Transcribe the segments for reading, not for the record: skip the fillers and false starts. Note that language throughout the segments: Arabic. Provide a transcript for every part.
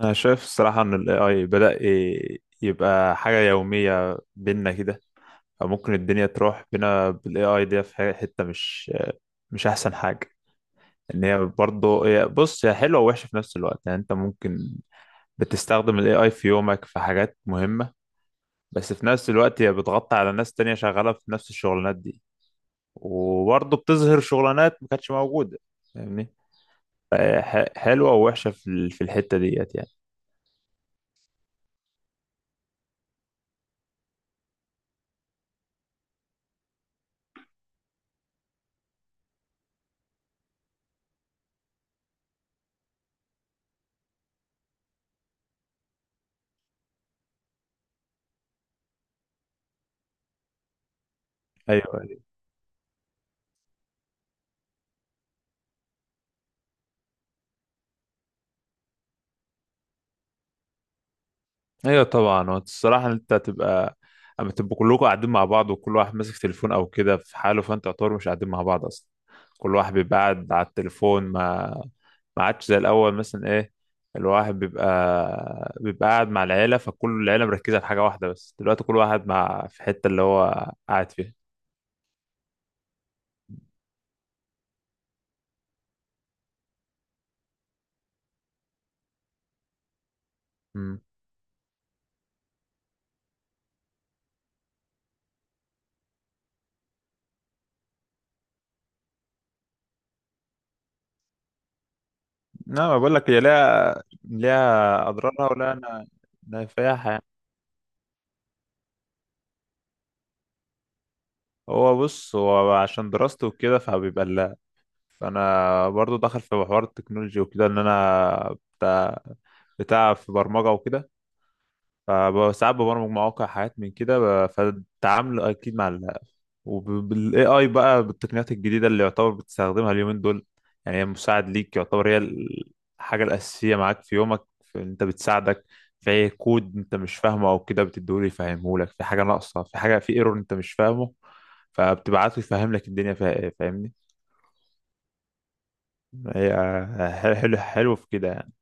انا شايف الصراحه ان ال AI بدأ يبقى حاجه يوميه بينا كده. او ممكن الدنيا تروح بينا بال AI دي في حته مش احسن حاجه. ان هي برضه بص هي حلوه ووحشه في نفس الوقت، يعني انت ممكن بتستخدم ال AI في يومك في حاجات مهمه، بس في نفس الوقت هي بتغطي على ناس تانية شغاله في نفس الشغلانات دي، وبرضه بتظهر شغلانات ما كانتش موجوده. فاهمني؟ فهي حلوه ووحشه في الحته ديت يعني. ايوه، ايوه طبعا. هو الصراحه إن انت هتبقى اما تبقوا كلكم قاعدين مع بعض وكل واحد ماسك تليفون او كده في حاله، فانت يعتبر مش قاعدين مع بعض اصلا. كل واحد بيبقى قاعد على التليفون. ما ما عادش زي الاول مثلا، ايه الواحد بيبقى قاعد مع العيله، فكل العيله مركزه في حاجه واحده، بس دلوقتي كل واحد مع في حته اللي هو قاعد فيها. امم. لا، بقول لك هي ليها اضرارها ولا انا نافعها يعني. هو بص، هو عشان دراسته وكده فبيبقى، فانا برضو داخل في حوار التكنولوجي وكده ان انا بتاع في برمجه وكده، فساعات ببرمج مواقع حاجات من كده فالتعامل اكيد مع ال وبالاي اي بقى بالتقنيات الجديده اللي يعتبر بتستخدمها اليومين دول. يعني هي مساعد ليك، يعتبر هي الحاجه الاساسيه معاك في يومك، في انت بتساعدك في أي كود انت مش فاهمه او كده بتديهوله يفهمهولك، في حاجه ناقصه، في حاجه في ايرور انت مش فاهمه فبتبعته يفهم لك الدنيا فيها ايه. فاهمني؟ هي حلو حلو في كده يعني.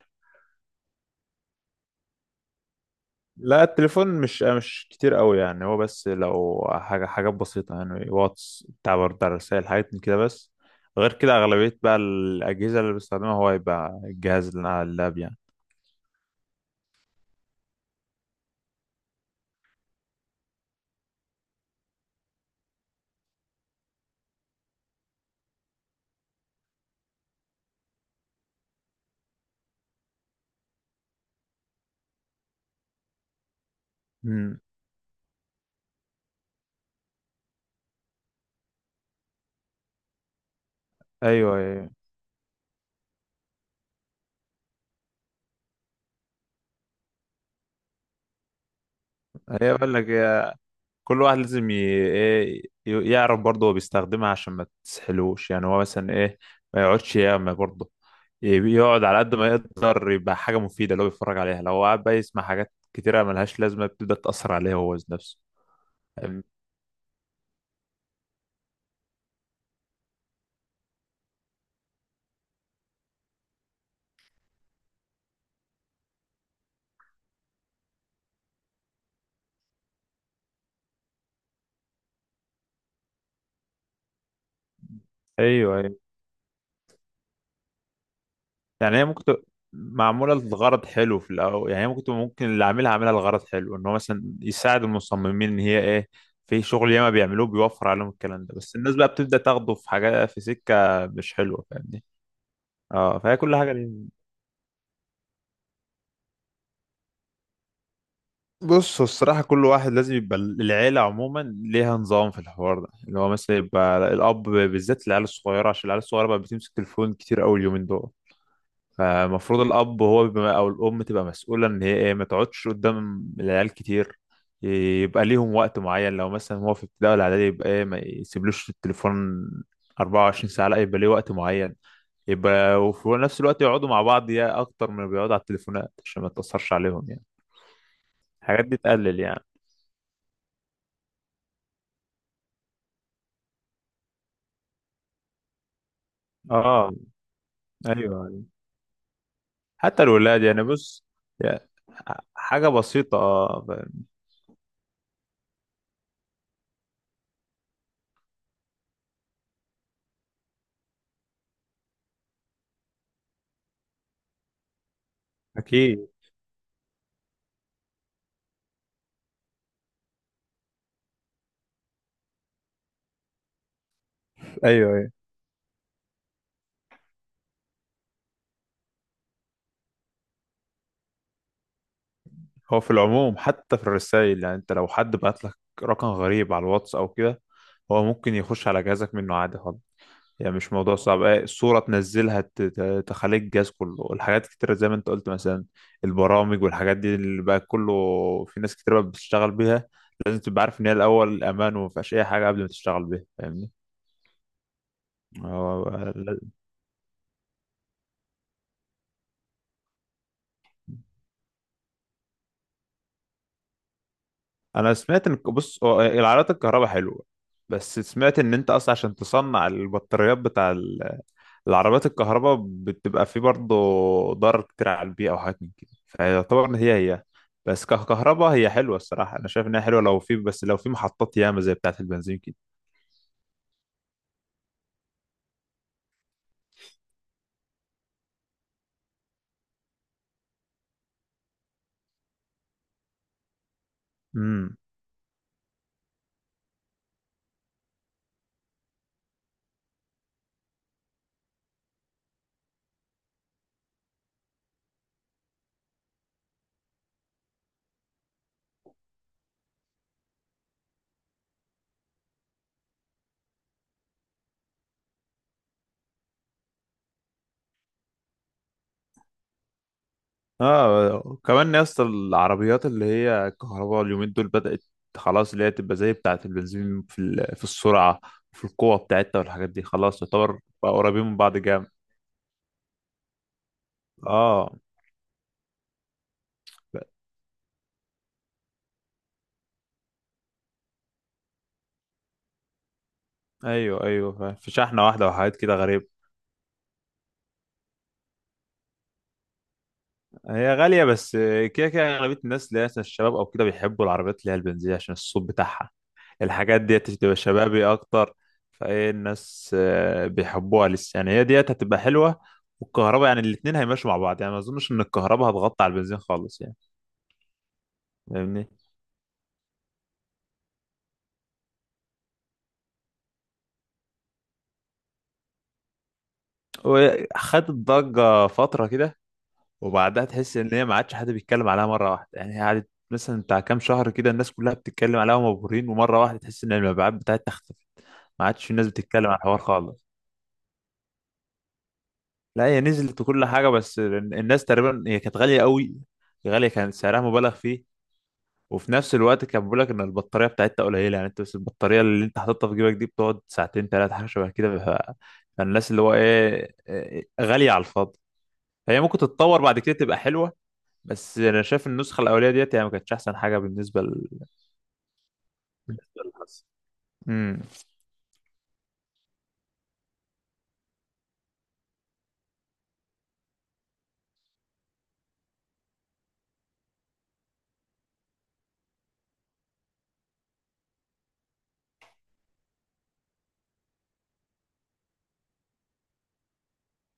لا، التليفون مش كتير قوي يعني. هو بس لو حاجة حاجات بسيطة يعني، واتس بتاع برد على الرسائل حاجات من كده بس. غير كده أغلبية بقى الأجهزة اللي بستخدمها هو يبقى الجهاز اللي أنا على اللاب يعني. امم. أيوه، أيوه، أيوه. هي بقول لك كل واحد لازم يعرف برضه هو بيستخدمها عشان ما تسحلوش، يعني هو مثلا ايه ما يقعدش ياما برضه. يقعد على قد ما يقدر يبقى حاجة مفيدة اللي هو بيتفرج عليها. لو قعد بقى يسمع حاجات كتيرة ملهاش لازمة بتبدأ تأثر عليه هو ذات نفسه. أم- أيوه، أيوه. يعني هي ممكن تبقى معمولة لغرض حلو في الأول، يعني هي ممكن اللي عاملها عاملها لغرض حلو، إن هو مثلا يساعد المصممين إن هي إيه في شغل ياما بيعملوه، بيوفر عليهم الكلام ده، بس الناس بقى بتبدأ تاخده في حاجة في سكة مش حلوة. فاهم؟ اه، فهي كل حاجه ليه. بص هو الصراحه كل واحد لازم يبقى، العيله عموما ليها نظام في الحوار ده، اللي هو مثلا يبقى الاب بالذات، العيال الصغيره عشان العيال الصغيره بقى بتمسك تليفون كتير قوي اليومين دول. فالمفروض الاب هو بيبقى او الام تبقى مسؤوله ان هي ايه ما تقعدش قدام العيال كتير. يبقى ليهم وقت معين، لو مثلا هو في ابتدائي ولا اعدادي يبقى ايه ما يسيبلوش التليفون 24 ساعه، لا يبقى ليه وقت معين. يبقى وفي نفس الوقت يقعدوا مع بعض يا اكتر من بيقعدوا على التليفونات عشان ما تاثرش عليهم يعني. الحاجات دي تقلل يعني. اه. ايوه، أيوه. حتى الولاد يعني، بص، يعني حاجة بسيطة اه اكيد. ايوه، ايوه. هو في العموم حتى في الرسائل، يعني انت لو حد بعت لك رقم غريب على الواتس او كده، هو ممكن يخش على جهازك منه عادي خالص. يعني مش موضوع صعب، ايه، الصورة تنزلها تخليك الجهاز كله، الحاجات كتيرة زي ما انت قلت مثلا البرامج والحاجات دي اللي بقى كله، في ناس كتير بقى بتشتغل بيها. لازم تبقى عارف ان هي الاول امان وما فيهاش اي حاجة قبل ما تشتغل بيها. فاهمني؟ هو انا سمعت ان، بص، هو العربيات الكهرباء حلوه، بس سمعت ان انت اصلا عشان تصنع البطاريات بتاع العربيات الكهرباء بتبقى فيه برضه ضرر كتير على البيئه وحاجات من كده. فيعتبر ان هي بس ككهرباء هي حلوه. الصراحه انا شايف انها حلوه، لو في، بس لو في محطات ياما زي بتاعه البنزين كده. اه كمان يا اسطى، العربيات اللي هي الكهرباء اليومين دول بدأت خلاص اللي هي تبقى زي بتاعة البنزين في السرعة، في القوة بتاعتها والحاجات دي. خلاص يعتبر بقى قريبين من بعض جامد. اه، ايوه، ايوه فاهم. في شحنة واحدة وحاجات كده غريبة. هي غالية، بس كده كده أغلبية الناس اللي هي مثلا الشباب او كده بيحبوا العربيات اللي هي البنزين عشان الصوت بتاعها. الحاجات ديت تبقى شبابي اكتر، فايه الناس بيحبوها لسه. يعني هي ديت هتبقى حلوه والكهرباء، يعني الاتنين هيمشوا مع بعض، يعني ما اظنش ان الكهرباء هتغطي على البنزين خالص يعني. فاهمني؟ وخدت ضجه فتره كده، وبعدها تحس ان هي ما عادش حد بيتكلم عليها مره واحده. يعني هي قعدت مثلا بتاع كام شهر كده الناس كلها بتتكلم عليها ومبهورين، ومره واحده تحس ان المبيعات بتاعتها اختفت، ما عادش الناس بتتكلم على الحوار خالص. لا هي نزلت وكل حاجه، بس الناس تقريبا هي كانت غاليه قوي، غاليه كان سعرها مبالغ فيه. وفي نفس الوقت كان بيقول لك ان البطاريه بتاعتها قليله، يعني انت بس البطاريه اللي انت حاططها في جيبك دي بتقعد 2 ساعتين ثلاثه حاجه شبه كده. فالناس اللي هو إيه، غاليه على الفاضي. هي ممكن تتطور بعد كده تبقى حلوه، بس انا شايف النسخه الاوليه ديت يعني ما كانتش احسن حاجه بالنسبه بالنسبه للحظ. امم.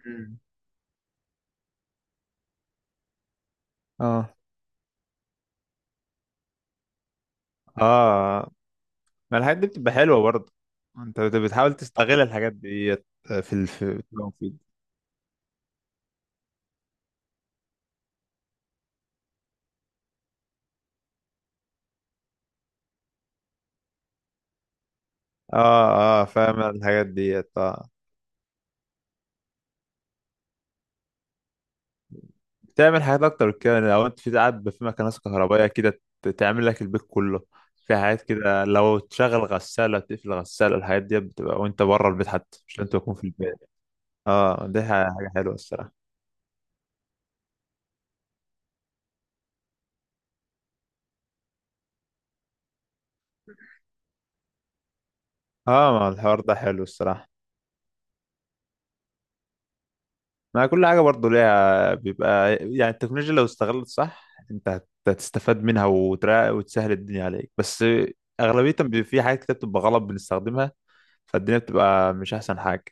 مم. اه، اه، ما الحاجات دي بتبقى حلوه برضه. انت بتحاول تستغل الحاجات ديت في في- اه، اه فاهم الحاجات ديت اه. تعمل حاجات اكتر كده لو انت في قاعد في مكنسه كهربائيه كده تعمل لك البيت كله. في حاجات كده لو تشغل غساله، تقفل غساله، الحاجات دي بتبقى وانت بره البيت، حتى مش لازم تكون في البيت. اه، دي حاجه حلوه الصراحه. اه، ما الحوار ده حلو الصراحه. ما كل حاجه برضو ليها بيبقى، يعني التكنولوجيا لو استغلت صح انت هتستفاد منها وتسهل الدنيا عليك، بس اغلبيه بيبقى في حاجات كده بتبقى غلط بنستخدمها فالدنيا بتبقى مش احسن حاجه.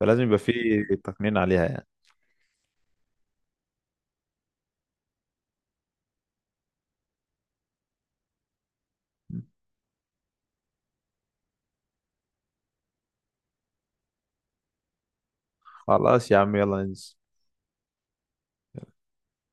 فلازم يبقى في تقنين عليها يعني. خلاص يا عم، يلا ننزل.